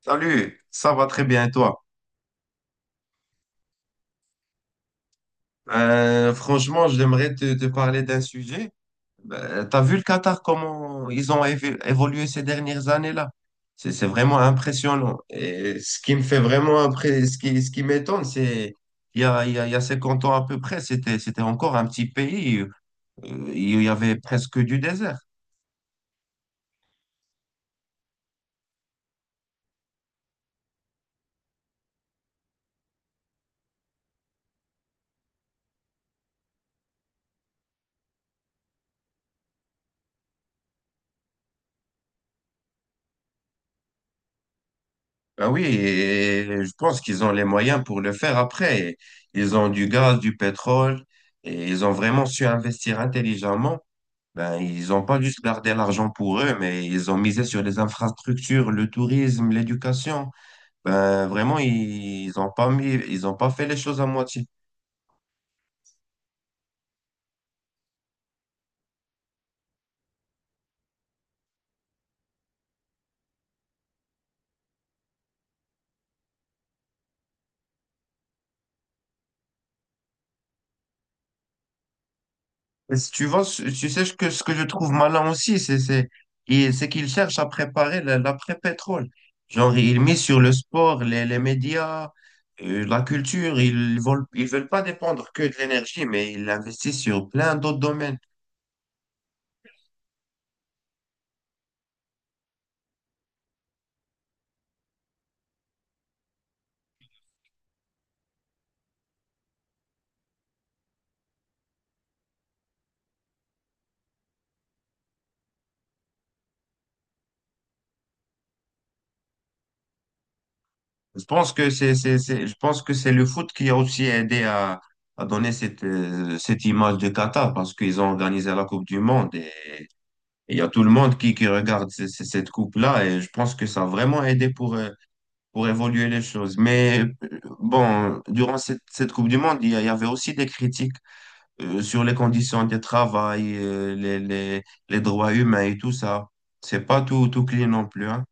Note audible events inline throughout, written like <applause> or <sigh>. Salut, ça va très bien et toi? Franchement, j'aimerais te parler d'un sujet. T'as vu le Qatar, comment ils ont évolué ces dernières années-là? C'est vraiment impressionnant. Et ce qui me fait vraiment ce qui m'étonne, c'est il y a, il y a, il y a 50 ans à peu près, c'était encore un petit pays. Il y avait presque du désert. Ben oui, et je pense qu'ils ont les moyens pour le faire après. Ils ont du gaz, du pétrole, et ils ont vraiment su investir intelligemment. Ben, ils n'ont pas juste gardé l'argent pour eux, mais ils ont misé sur les infrastructures, le tourisme, l'éducation. Ben, vraiment, ils ont pas fait les choses à moitié. Et si tu vois, tu sais ce que je trouve malin aussi, c'est qu'ils cherchent à préparer l'après-pétrole. Genre, ils misent sur le sport, les médias, la culture. Ils veulent pas dépendre que de l'énergie, mais ils investissent sur plein d'autres domaines. Je pense que c'est- je pense que c'est le foot qui a aussi aidé à, donner cette image de Qatar parce qu'ils ont organisé la Coupe du Monde et il y a tout le monde qui regarde cette coupe-là et je pense que ça a vraiment aidé pour évoluer les choses. Mais bon, durant cette Coupe du Monde, il y avait aussi des critiques sur les conditions de travail, les droits humains et tout ça. C'est pas tout, tout clean non plus, hein.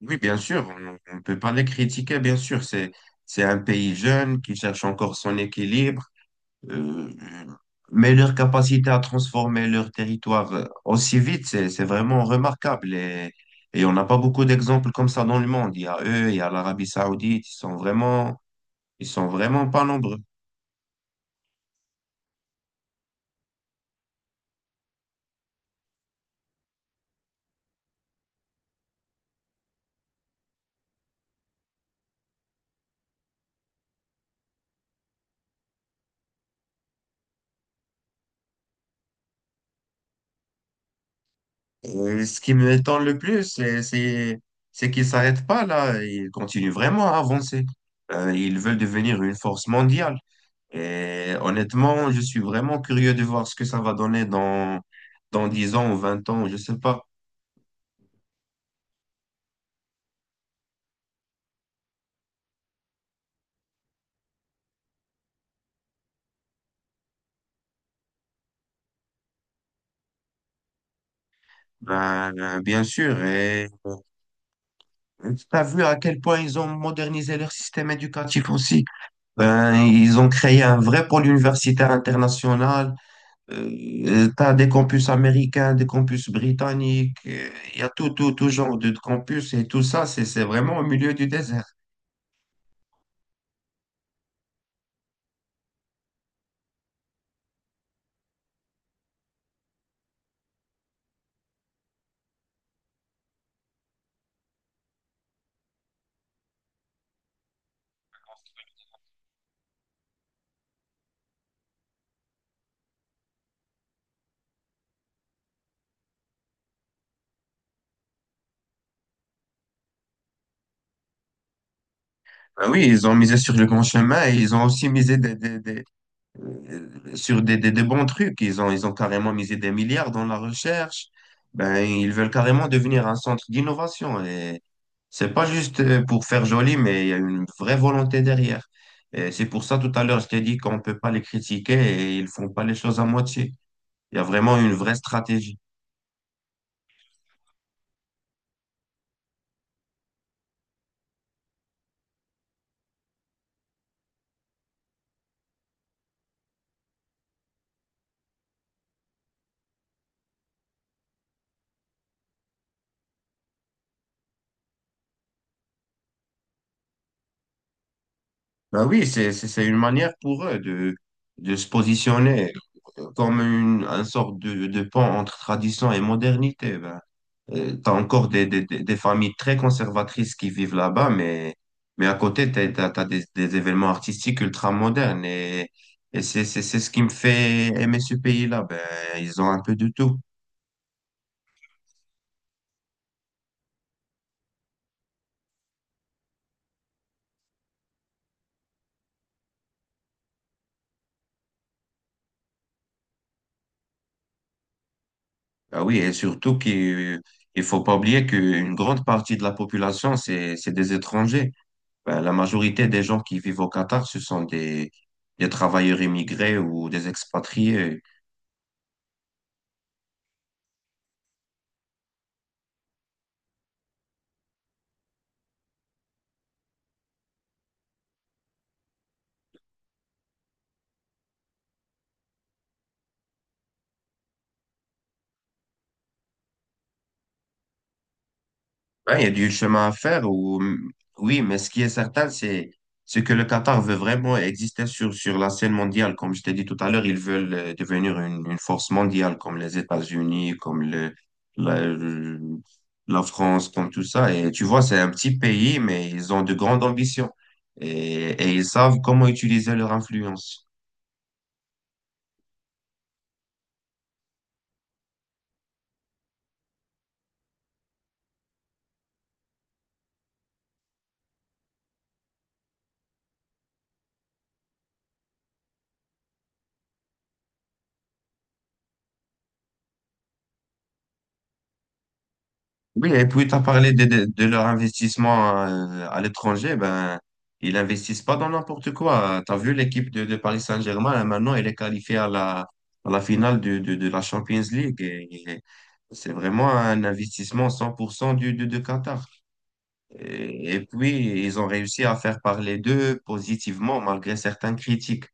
Oui, bien sûr, on ne peut pas les critiquer, bien sûr. C'est un pays jeune qui cherche encore son équilibre, euh, mais leur capacité à transformer leur territoire, aussi vite, c'est vraiment remarquable. Et on n'a pas beaucoup d'exemples comme ça dans le monde. Il y a eux, il y a l'Arabie Saoudite, ils sont vraiment pas nombreux. Et ce qui me m'étonne le plus, c'est qu'ils s'arrêtent pas là, ils continuent vraiment à avancer. Ils veulent devenir une force mondiale. Et honnêtement, je suis vraiment curieux de voir ce que ça va donner dans 10 ans ou 20 ans, je sais pas. Ben, bien sûr. Et tu as vu à quel point ils ont modernisé leur système éducatif aussi. Ben, ils ont créé un vrai pôle universitaire international. Tu as des campus américains, des campus britanniques. Il y a tout, tout, tout genre de campus et tout ça, c'est vraiment au milieu du désert. Ben oui, ils ont misé sur le grand chemin et ils ont aussi misé des- sur des bons trucs. Ils ont carrément misé des milliards dans la recherche. Ben, ils veulent carrément devenir un centre d'innovation. Et c'est pas juste, pour faire joli, mais il y a une vraie volonté derrière. Et c'est pour ça, tout à l'heure, je t'ai dit qu'on peut pas les critiquer et ils font pas les choses à moitié. Il y a vraiment une vraie stratégie. Ben oui, c'est une manière pour eux de, se positionner comme une sorte de pont entre tradition et modernité. Ben, tu as encore des familles très conservatrices qui vivent là-bas, mais à côté, t'as des, événements artistiques ultra modernes. Et c'est ce qui me fait aimer ce pays-là. Ben, ils ont un peu de tout. Ah oui, et surtout qu'il il faut pas oublier qu'une grande partie de la population, c'est des étrangers. Ben, la majorité des gens qui vivent au Qatar, ce sont des travailleurs immigrés ou des expatriés. Ouais, il y a du chemin à faire. Oui, mais ce qui est certain, c'est que le Qatar veut vraiment exister sur la scène mondiale. Comme je t'ai dit tout à l'heure, ils veulent, devenir une force mondiale, comme les États-Unis, comme la, le- la France, comme tout ça. Et tu vois, c'est un petit pays, mais ils ont de grandes ambitions. Et ils savent comment utiliser leur influence. Oui, et puis tu as parlé de leur investissement, à l'étranger. Ben, ils investissent pas dans n'importe quoi. Tu as vu l'équipe de Paris Saint-Germain, là, maintenant, elle est qualifiée à la finale de la Champions League. Et c'est vraiment un investissement 100% du, de Qatar. Et puis, ils ont réussi à faire parler d'eux positivement malgré certaines critiques,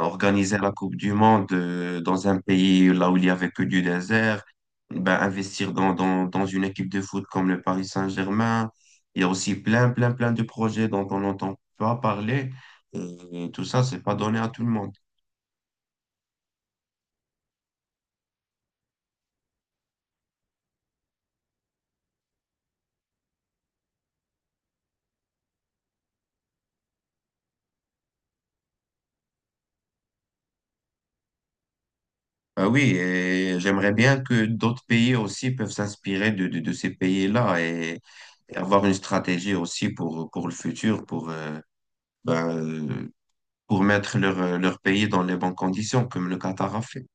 organiser la Coupe du Monde, dans un pays là où il y avait que du désert, ben, investir dans une équipe de foot comme le Paris Saint-Germain. Il y a aussi plein, plein, plein de projets dont on n'entend pas parler. Et tout ça, c'est pas donné à tout le monde. Ben oui, et j'aimerais bien que d'autres pays aussi peuvent s'inspirer de ces pays-là et avoir une stratégie aussi pour le futur, ben, pour mettre leur pays dans les bonnes conditions, comme le Qatar a fait.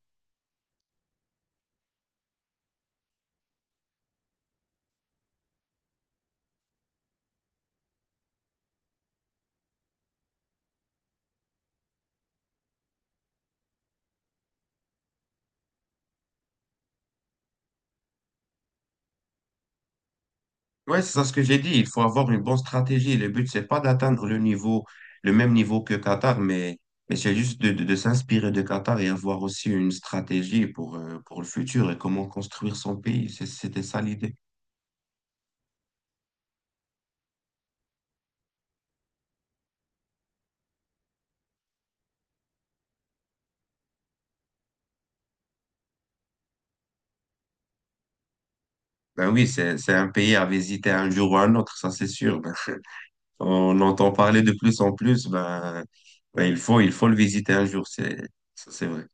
Oui, c'est ça ce que j'ai dit. Il faut avoir une bonne stratégie. Le but, c'est pas d'atteindre le niveau, le même niveau que Qatar, mais c'est juste de s'inspirer de Qatar et avoir aussi une stratégie pour le futur et comment construire son pays. C'était ça l'idée. Ben oui, c'est un pays à visiter un jour ou un autre, ça c'est sûr. On entend parler de plus en plus, ben, il faut le visiter un jour, ça, c'est vrai.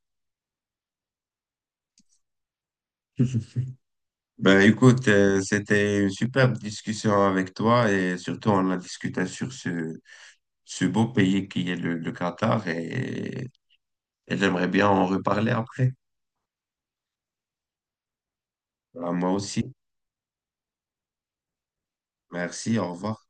<laughs> Ben, écoute, c'était une superbe discussion avec toi et surtout on a discuté sur ce beau pays qui est le Qatar et j'aimerais bien en reparler après. Ben, moi aussi. Merci, au revoir.